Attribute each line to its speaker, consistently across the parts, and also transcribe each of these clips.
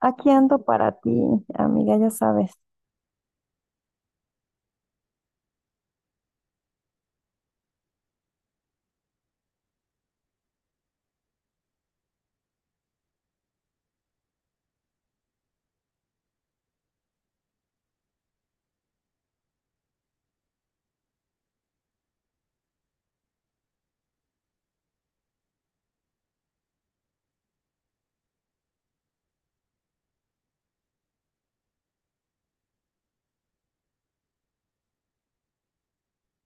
Speaker 1: Aquí ando para ti, amiga, ya sabes.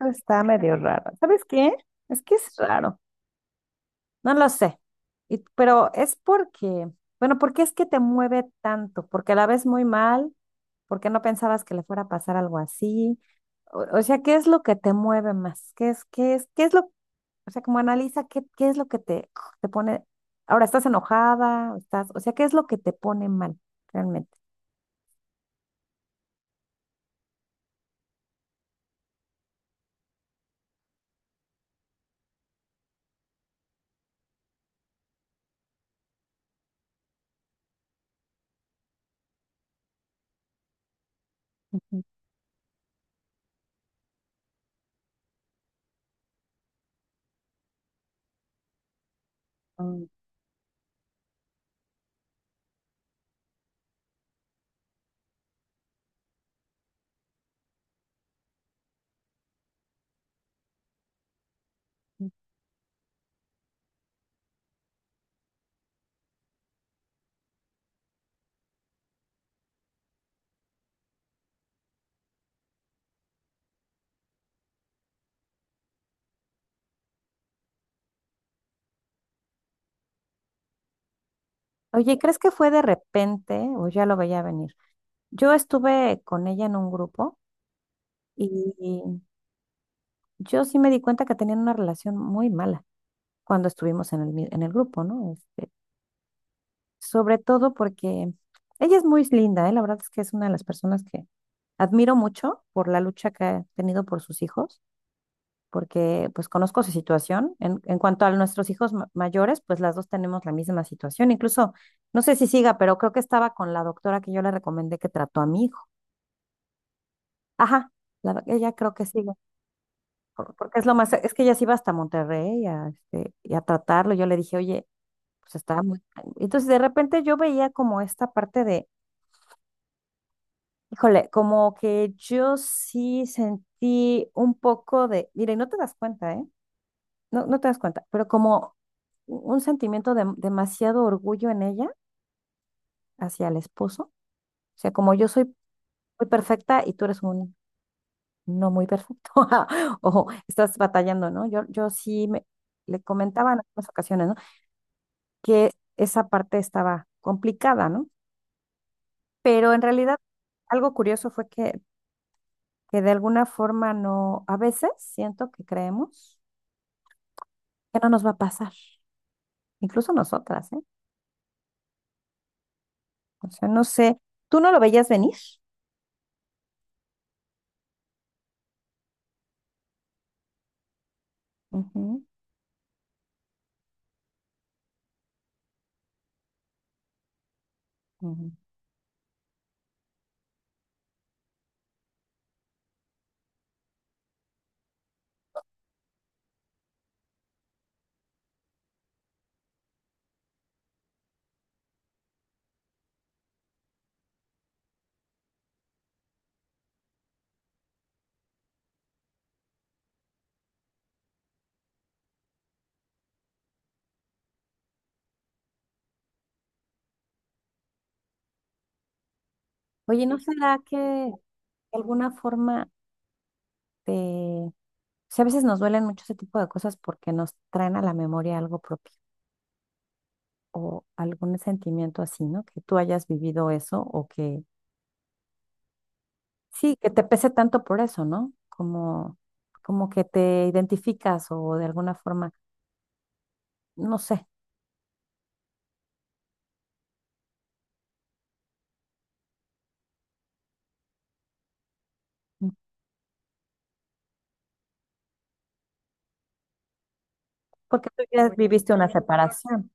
Speaker 1: Está medio raro. ¿Sabes qué? Es que es raro. No lo sé. Pero es porque, bueno, ¿por qué es que te mueve tanto? ¿Porque la ves muy mal? ¿Porque no pensabas que le fuera a pasar algo así? O sea, ¿qué es lo que te mueve más? O sea, como analiza qué es lo que te pone, ahora estás enojada, estás, o sea, ¿qué es lo que te pone mal realmente? Ujú. Mm. Oye, ¿crees que fue de repente o ya lo veía venir? Yo estuve con ella en un grupo y yo sí me di cuenta que tenían una relación muy mala cuando estuvimos en el, en el grupo, ¿no? Este, sobre todo porque ella es muy linda, ¿eh? La verdad es que es una de las personas que admiro mucho por la lucha que ha tenido por sus hijos, porque pues conozco su situación. En cuanto a nuestros hijos mayores, pues las dos tenemos la misma situación. Incluso, no sé si siga, pero creo que estaba con la doctora que yo le recomendé que trató a mi hijo. Ajá, la ella creo que sigue, porque es lo más, es que ella se iba hasta Monterrey a, este, y a tratarlo. Yo le dije, oye, pues estaba muy... Entonces de repente yo veía como esta parte de... Híjole, como que yo sí sentí un poco de, mire, no te das cuenta, ¿eh? No, no te das cuenta, pero como un sentimiento de demasiado orgullo en ella hacia el esposo. O sea, como yo soy muy perfecta y tú eres un no muy perfecto, o estás batallando, ¿no? Yo sí me, le comentaba en algunas ocasiones, ¿no? Que esa parte estaba complicada, ¿no? Pero en realidad algo curioso fue que de alguna forma no, a veces siento que creemos que no nos va a pasar, incluso nosotras, ¿eh? O sea, no sé, ¿tú no lo veías venir? Ujú, ujú. Oye, ¿no Sí. será que de alguna forma te... o sea, a veces nos duelen mucho ese tipo de cosas porque nos traen a la memoria algo propio o algún sentimiento así, ¿no? Que tú hayas vivido eso o que sí, que te pese tanto por eso, ¿no? Como, como que te identificas o de alguna forma, no sé, porque tú ya viviste una separación.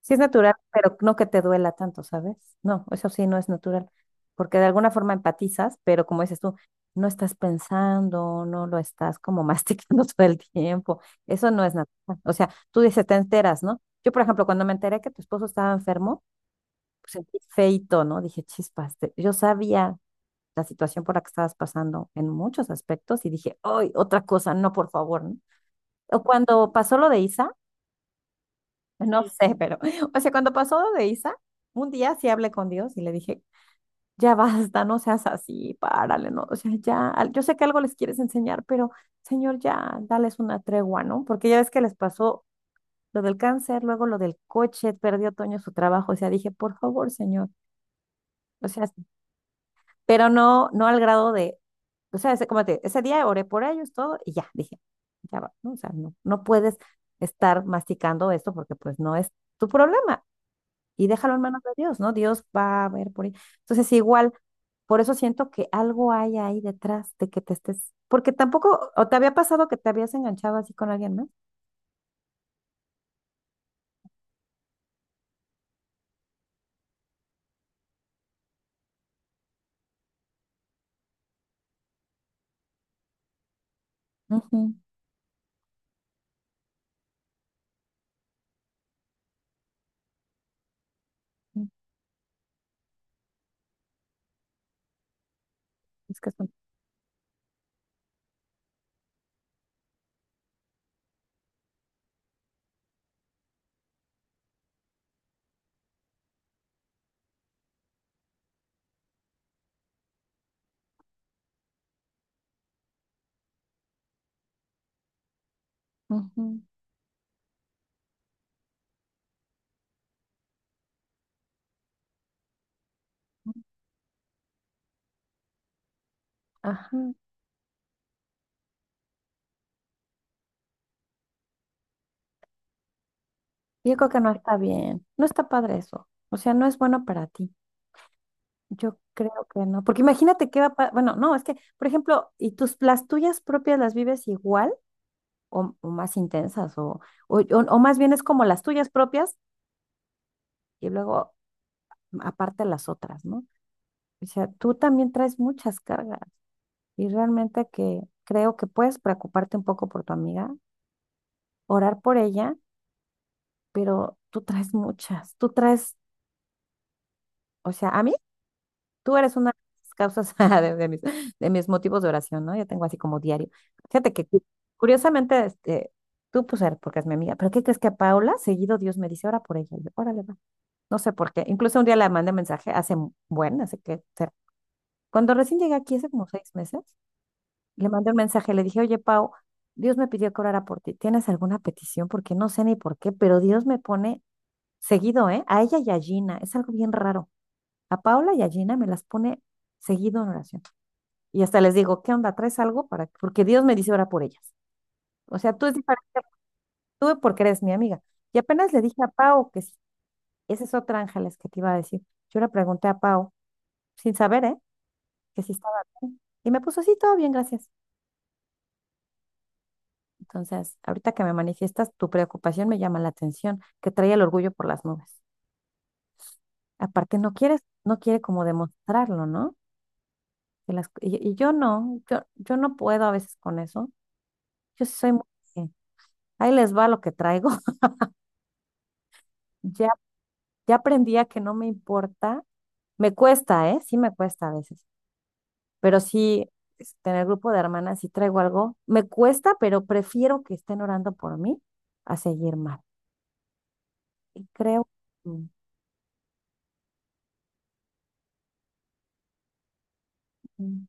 Speaker 1: Sí es natural, pero no que te duela tanto, ¿sabes? No, eso sí no es natural, porque de alguna forma empatizas, pero como dices tú, no estás pensando, no lo estás como masticando todo el tiempo. Eso no es natural. O sea, tú dices, te enteras, ¿no? Yo, por ejemplo, cuando me enteré que tu esposo estaba enfermo, pues sentí feito, ¿no? Dije, chispas, yo sabía la situación por la que estabas pasando en muchos aspectos y dije, ¡ay, otra cosa! No, por favor, ¿no? O cuando pasó lo de Isa. No sé, pero, o sea, cuando pasó lo de Isa, un día sí hablé con Dios y le dije, ya basta, no seas así, párale, no, o sea, ya, yo sé que algo les quieres enseñar, pero Señor, ya, dales una tregua, ¿no? Porque ya ves que les pasó lo del cáncer, luego lo del coche, perdió Toño su trabajo, o sea, dije, por favor, Señor, o sea, pero no, no al grado de, o sea, ese, ese día oré por ellos, todo, y ya, dije, ya va, ¿no? O sea, no, no puedes estar masticando esto porque pues no es tu problema. Y déjalo en manos de Dios, ¿no? Dios va a ver por ahí. Entonces, igual, por eso siento que algo hay ahí detrás de que te estés, porque tampoco, o te había pasado que te habías enganchado así con alguien, ¿no? Ujú, ujú. Es que son... ujú, ujú, ajá. Yo creo que no está bien, no está padre eso, o sea, no es bueno para ti. Yo creo que no, porque imagínate qué va, bueno, no, es que, por ejemplo, y tus, las tuyas propias las vives igual o más intensas , o o más bien es como las tuyas propias y luego aparte de las otras, ¿no? O sea, tú también traes muchas cargas y realmente que creo que puedes preocuparte un poco por tu amiga, orar por ella, pero tú traes muchas, tú traes, o sea, a mí, tú eres una de las causas de mis motivos de oración, ¿no? Yo tengo así como diario. Fíjate que curiosamente, este, tú pues eres porque es mi amiga, pero ¿qué crees que a Paula seguido Dios me dice, ora por ella? Y yo, órale, va. No sé por qué. Incluso un día le mandé mensaje hace, bueno, hace que, cuando recién llegué aquí hace como 6 meses, le mandé un mensaje, le dije, oye, Pau, Dios me pidió que orara por ti. ¿Tienes alguna petición? Porque no sé ni por qué, pero Dios me pone seguido, ¿eh? A ella y a Gina. Es algo bien raro. A Paula y a Gina me las pone seguido en oración. Y hasta les digo, ¿qué onda? ¿Traes algo? Para... porque Dios me dice orar por ellas. O sea, tú es diferente, tú porque eres mi amiga. Y apenas le dije a Pau, que esa es otra Ángeles que te iba a decir. Yo le pregunté a Pau, sin saber, ¿eh? Que si estaba bien. Y me puso, sí, todo bien, gracias. Entonces, ahorita que me manifiestas tu preocupación me llama la atención, que trae el orgullo por las nubes. Aparte, no quiere como demostrarlo, ¿no? Y yo no, yo no puedo a veces con eso. Yo sí soy muy, de, ahí les va lo que traigo. Ya, ya aprendí a que no me importa. Me cuesta, ¿eh? Sí me cuesta a veces. Pero sí, este, en el grupo de hermanas, si traigo algo, me cuesta, pero prefiero que estén orando por mí a seguir mal. Y creo, mm, mm,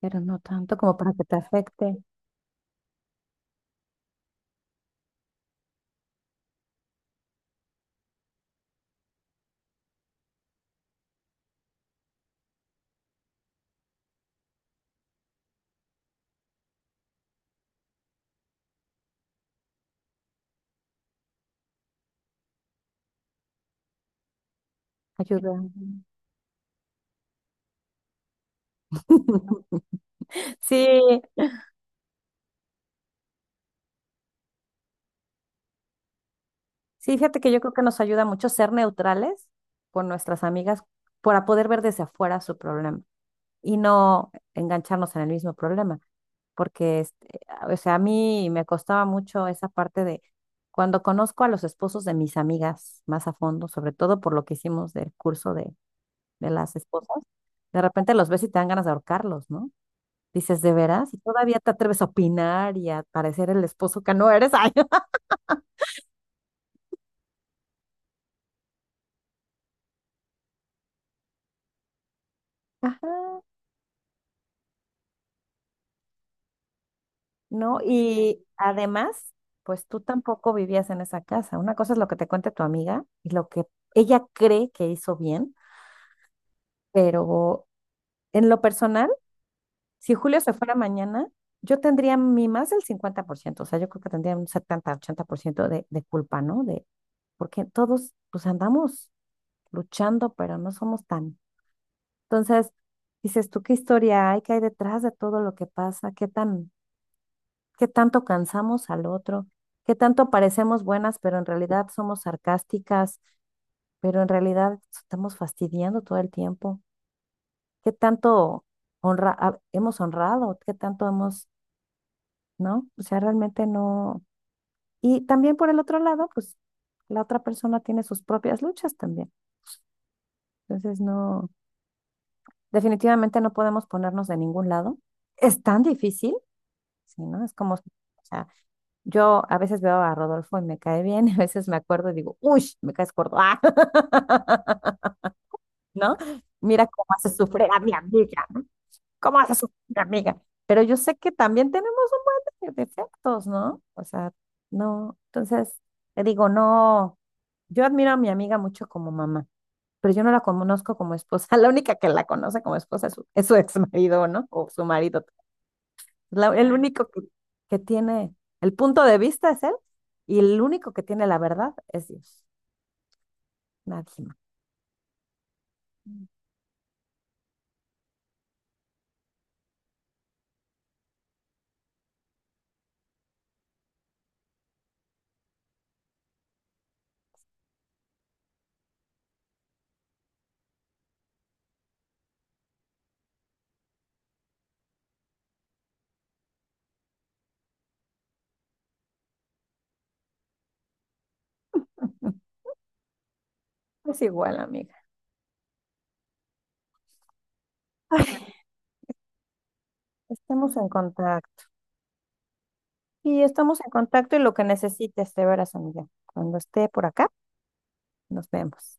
Speaker 1: pero no tanto como para que te afecte. Ayuda. Sí, sí, fíjate que yo creo que nos ayuda mucho ser neutrales con nuestras amigas para poder ver desde afuera su problema y no engancharnos en el mismo problema, porque, este, o sea, a mí me costaba mucho esa parte de cuando conozco a los esposos de mis amigas más a fondo, sobre todo por lo que hicimos del curso de las esposas, de repente los ves y te dan ganas de ahorcarlos, ¿no? Dices, ¿de veras? Y todavía te atreves a opinar y a parecer el esposo que no eres. Ay, ajá, no, y además, pues tú tampoco vivías en esa casa. Una cosa es lo que te cuente tu amiga y lo que ella cree que hizo bien, pero en lo personal, si Julio se fuera mañana, yo tendría mi más del 50%, o sea, yo creo que tendría un 70 u 80% de culpa, ¿no? De, porque todos pues andamos luchando, pero no somos tan... Entonces, dices tú, ¿qué historia hay? ¿Qué hay detrás de todo lo que pasa? ¿Qué tan, qué tanto cansamos al otro? ¿Qué tanto parecemos buenas, pero en realidad somos sarcásticas, pero en realidad estamos fastidiando todo el tiempo? ¿Qué tanto honra ah, hemos honrado? ¿Qué tanto hemos, no? O sea, realmente no. Y también por el otro lado, pues la otra persona tiene sus propias luchas también. Entonces, no, definitivamente no podemos ponernos de ningún lado. Es tan difícil. Sí, ¿no? Es como, o sea, yo a veces veo a Rodolfo y me cae bien, y a veces me acuerdo y digo, uy, me caes gordo, ah". ¿No? Mira cómo hace sufrir a mi amiga, ¿no? ¿Cómo hace sufrir a mi amiga? Pero yo sé que también tenemos un buen de defectos, ¿no? O sea, no, entonces te digo, no, yo admiro a mi amiga mucho como mamá, pero yo no la conozco como esposa, la única que la conoce como esposa es su ex marido, ¿no? O su marido el único que tiene el punto de vista es él y el único que tiene la verdad es Dios, nadie más. Es igual, amiga. Ay, estamos en contacto. Y estamos en contacto y lo que necesites, de veras, amiga. Cuando esté por acá, nos vemos.